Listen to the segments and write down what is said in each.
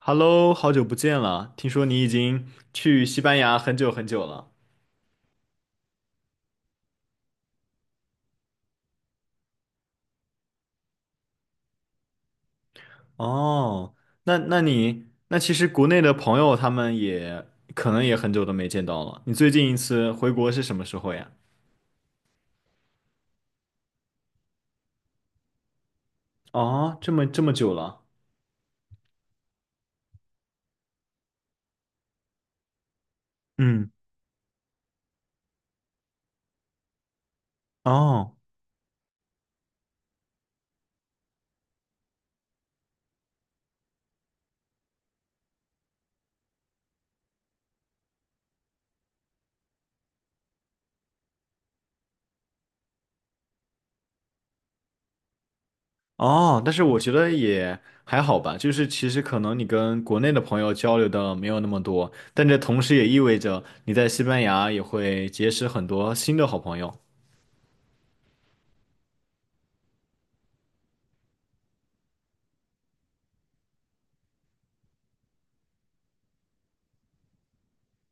Hello，好久不见了，听说你已经去西班牙很久很久了。哦，那其实国内的朋友他们也可能也很久都没见到了。你最近一次回国是什么时候呀？哦，这么久了。嗯，哦哦，但是我觉得也还好吧，就是其实可能你跟国内的朋友交流的没有那么多，但这同时也意味着你在西班牙也会结识很多新的好朋友。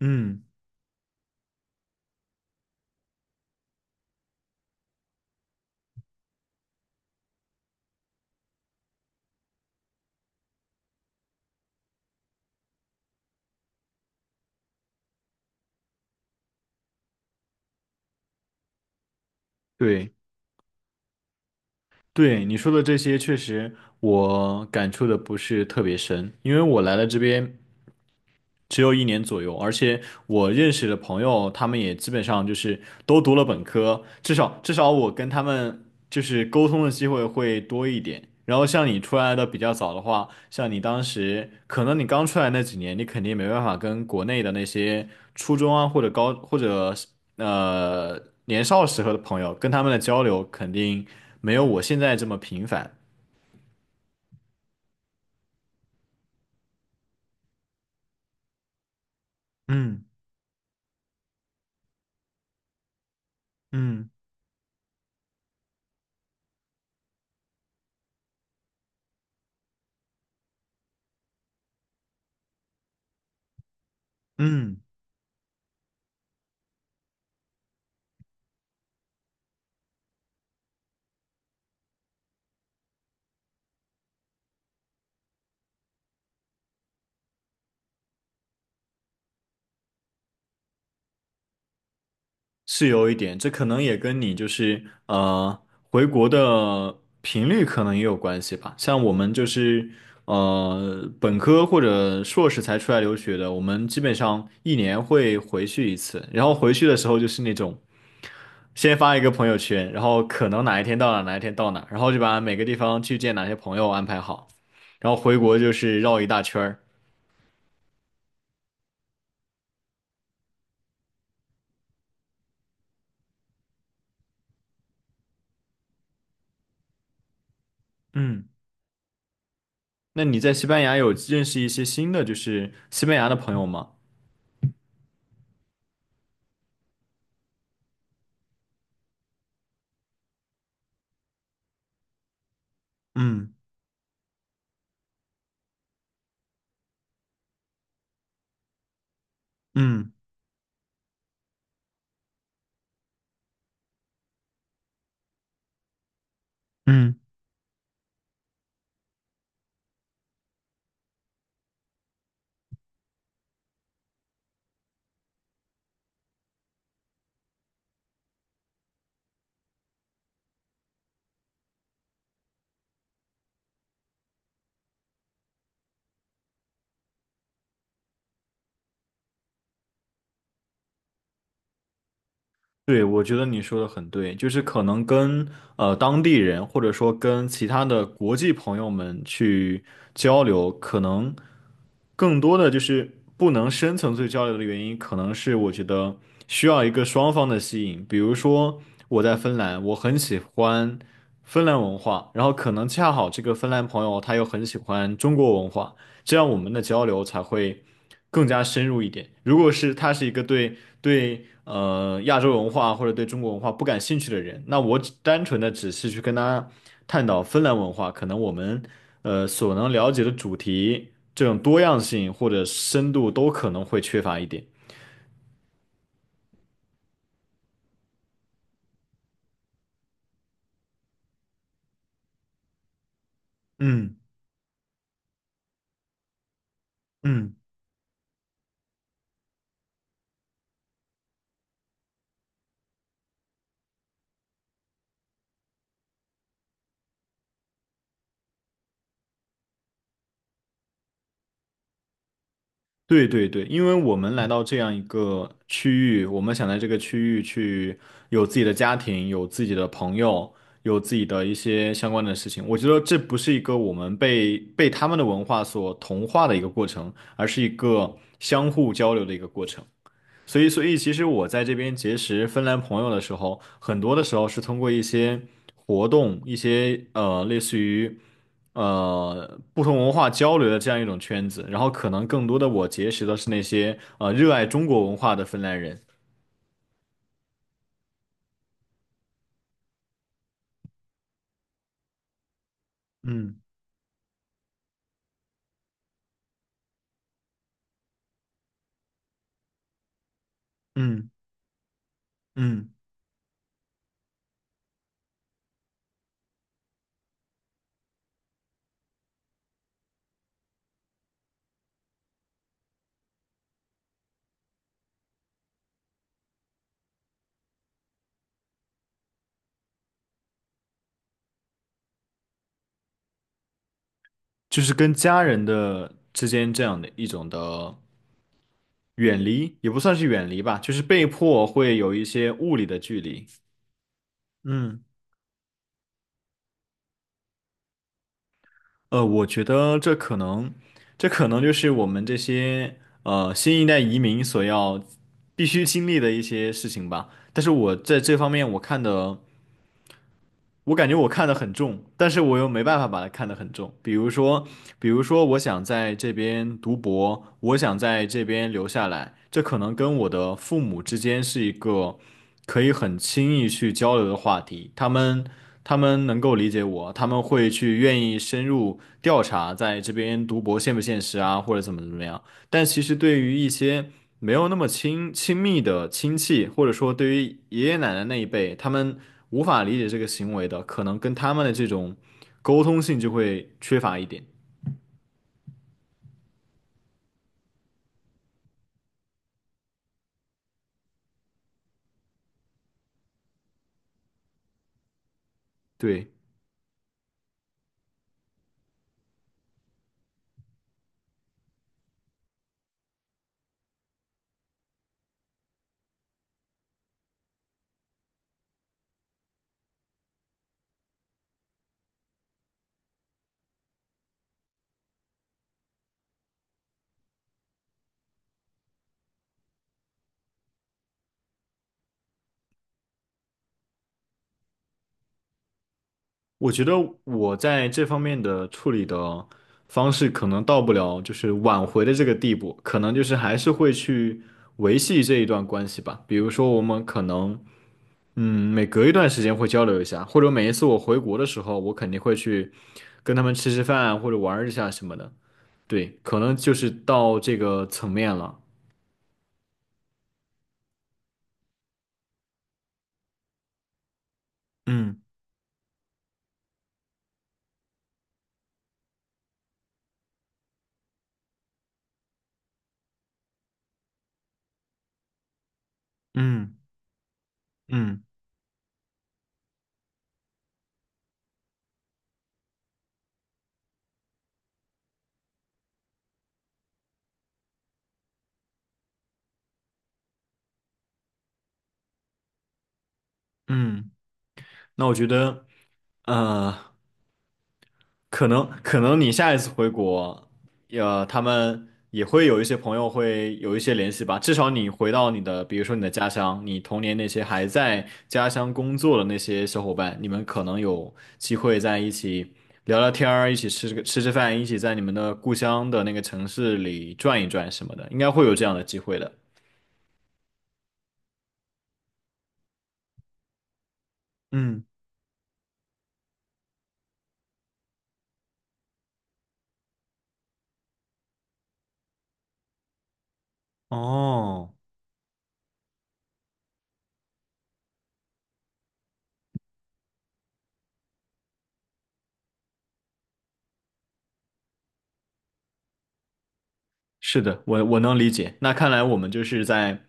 嗯，对。对你说的这些，确实我感触的不是特别深，因为我来了这边只有一年左右，而且我认识的朋友，他们也基本上就是都读了本科，至少我跟他们就是沟通的机会会多一点。然后像你出来的比较早的话，像你当时可能你刚出来那几年，你肯定没办法跟国内的那些初中啊或者高或者呃年少时候的朋友，跟他们的交流肯定没有我现在这么频繁。嗯嗯嗯。是有一点，这可能也跟你就是回国的频率可能也有关系吧。像我们就是本科或者硕士才出来留学的，我们基本上一年会回去一次，然后回去的时候就是那种先发一个朋友圈，然后可能哪一天到哪，然后就把每个地方去见哪些朋友安排好，然后回国就是绕一大圈儿。嗯，那你在西班牙有认识一些新的就是西班牙的朋友吗？嗯嗯嗯。对，我觉得你说的很对，就是可能跟当地人，或者说跟其他的国际朋友们去交流，可能更多的就是不能深层次交流的原因，可能是我觉得需要一个双方的吸引。比如说我在芬兰，我很喜欢芬兰文化，然后可能恰好这个芬兰朋友他又很喜欢中国文化，这样我们的交流才会更加深入一点。如果是他是一个对亚洲文化或者对中国文化不感兴趣的人，那我只单纯的只是去跟他探讨芬兰文化，可能我们所能了解的主题这种多样性或者深度都可能会缺乏一点。嗯嗯。对对对，因为我们来到这样一个区域，我们想在这个区域去有自己的家庭，有自己的朋友，有自己的一些相关的事情。我觉得这不是一个我们被他们的文化所同化的一个过程，而是一个相互交流的一个过程。所以，所以其实我在这边结识芬兰朋友的时候，很多的时候是通过一些活动，一些类似于不同文化交流的这样一种圈子，然后可能更多的我结识的是那些热爱中国文化的芬兰人，嗯嗯嗯，就是跟家人的之间这样的一种的远离，也不算是远离吧，就是被迫会有一些物理的距离，嗯，我觉得这可能，这可能就是我们这些新一代移民所要必须经历的一些事情吧。但是我在这方面我看的我感觉我看得很重，但是我又没办法把它看得很重。比如说，比如说，我想在这边读博，我想在这边留下来，这可能跟我的父母之间是一个可以很轻易去交流的话题。他们能够理解我，他们会去愿意深入调查在这边读博现不现实啊，或者怎么怎么样。但其实对于一些没有那么亲密的亲戚，或者说对于爷爷奶奶那一辈，他们无法理解这个行为的，可能跟他们的这种沟通性就会缺乏一点。对，我觉得我在这方面的处理的方式可能到不了就是挽回的这个地步，可能就是还是会去维系这一段关系吧。比如说，我们可能嗯每隔一段时间会交流一下，或者每一次我回国的时候，我肯定会去跟他们吃吃饭或者玩儿一下什么的。对，可能就是到这个层面了。嗯嗯嗯嗯，那我觉得，呃，可能你下一次回国，他们也会有一些朋友会有一些联系吧。至少你回到你的，比如说你的家乡，你童年那些还在家乡工作的那些小伙伴，你们可能有机会在一起聊聊天儿，一起吃个吃饭，一起在你们的故乡的那个城市里转一转什么的，应该会有这样的机会的。嗯哦，是的，我能理解。那看来我们就是在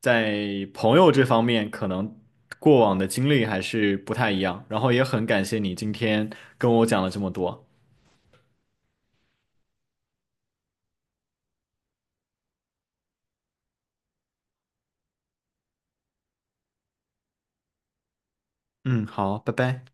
在朋友这方面，可能过往的经历还是不太一样。然后也很感谢你今天跟我讲了这么多。嗯，好，拜拜。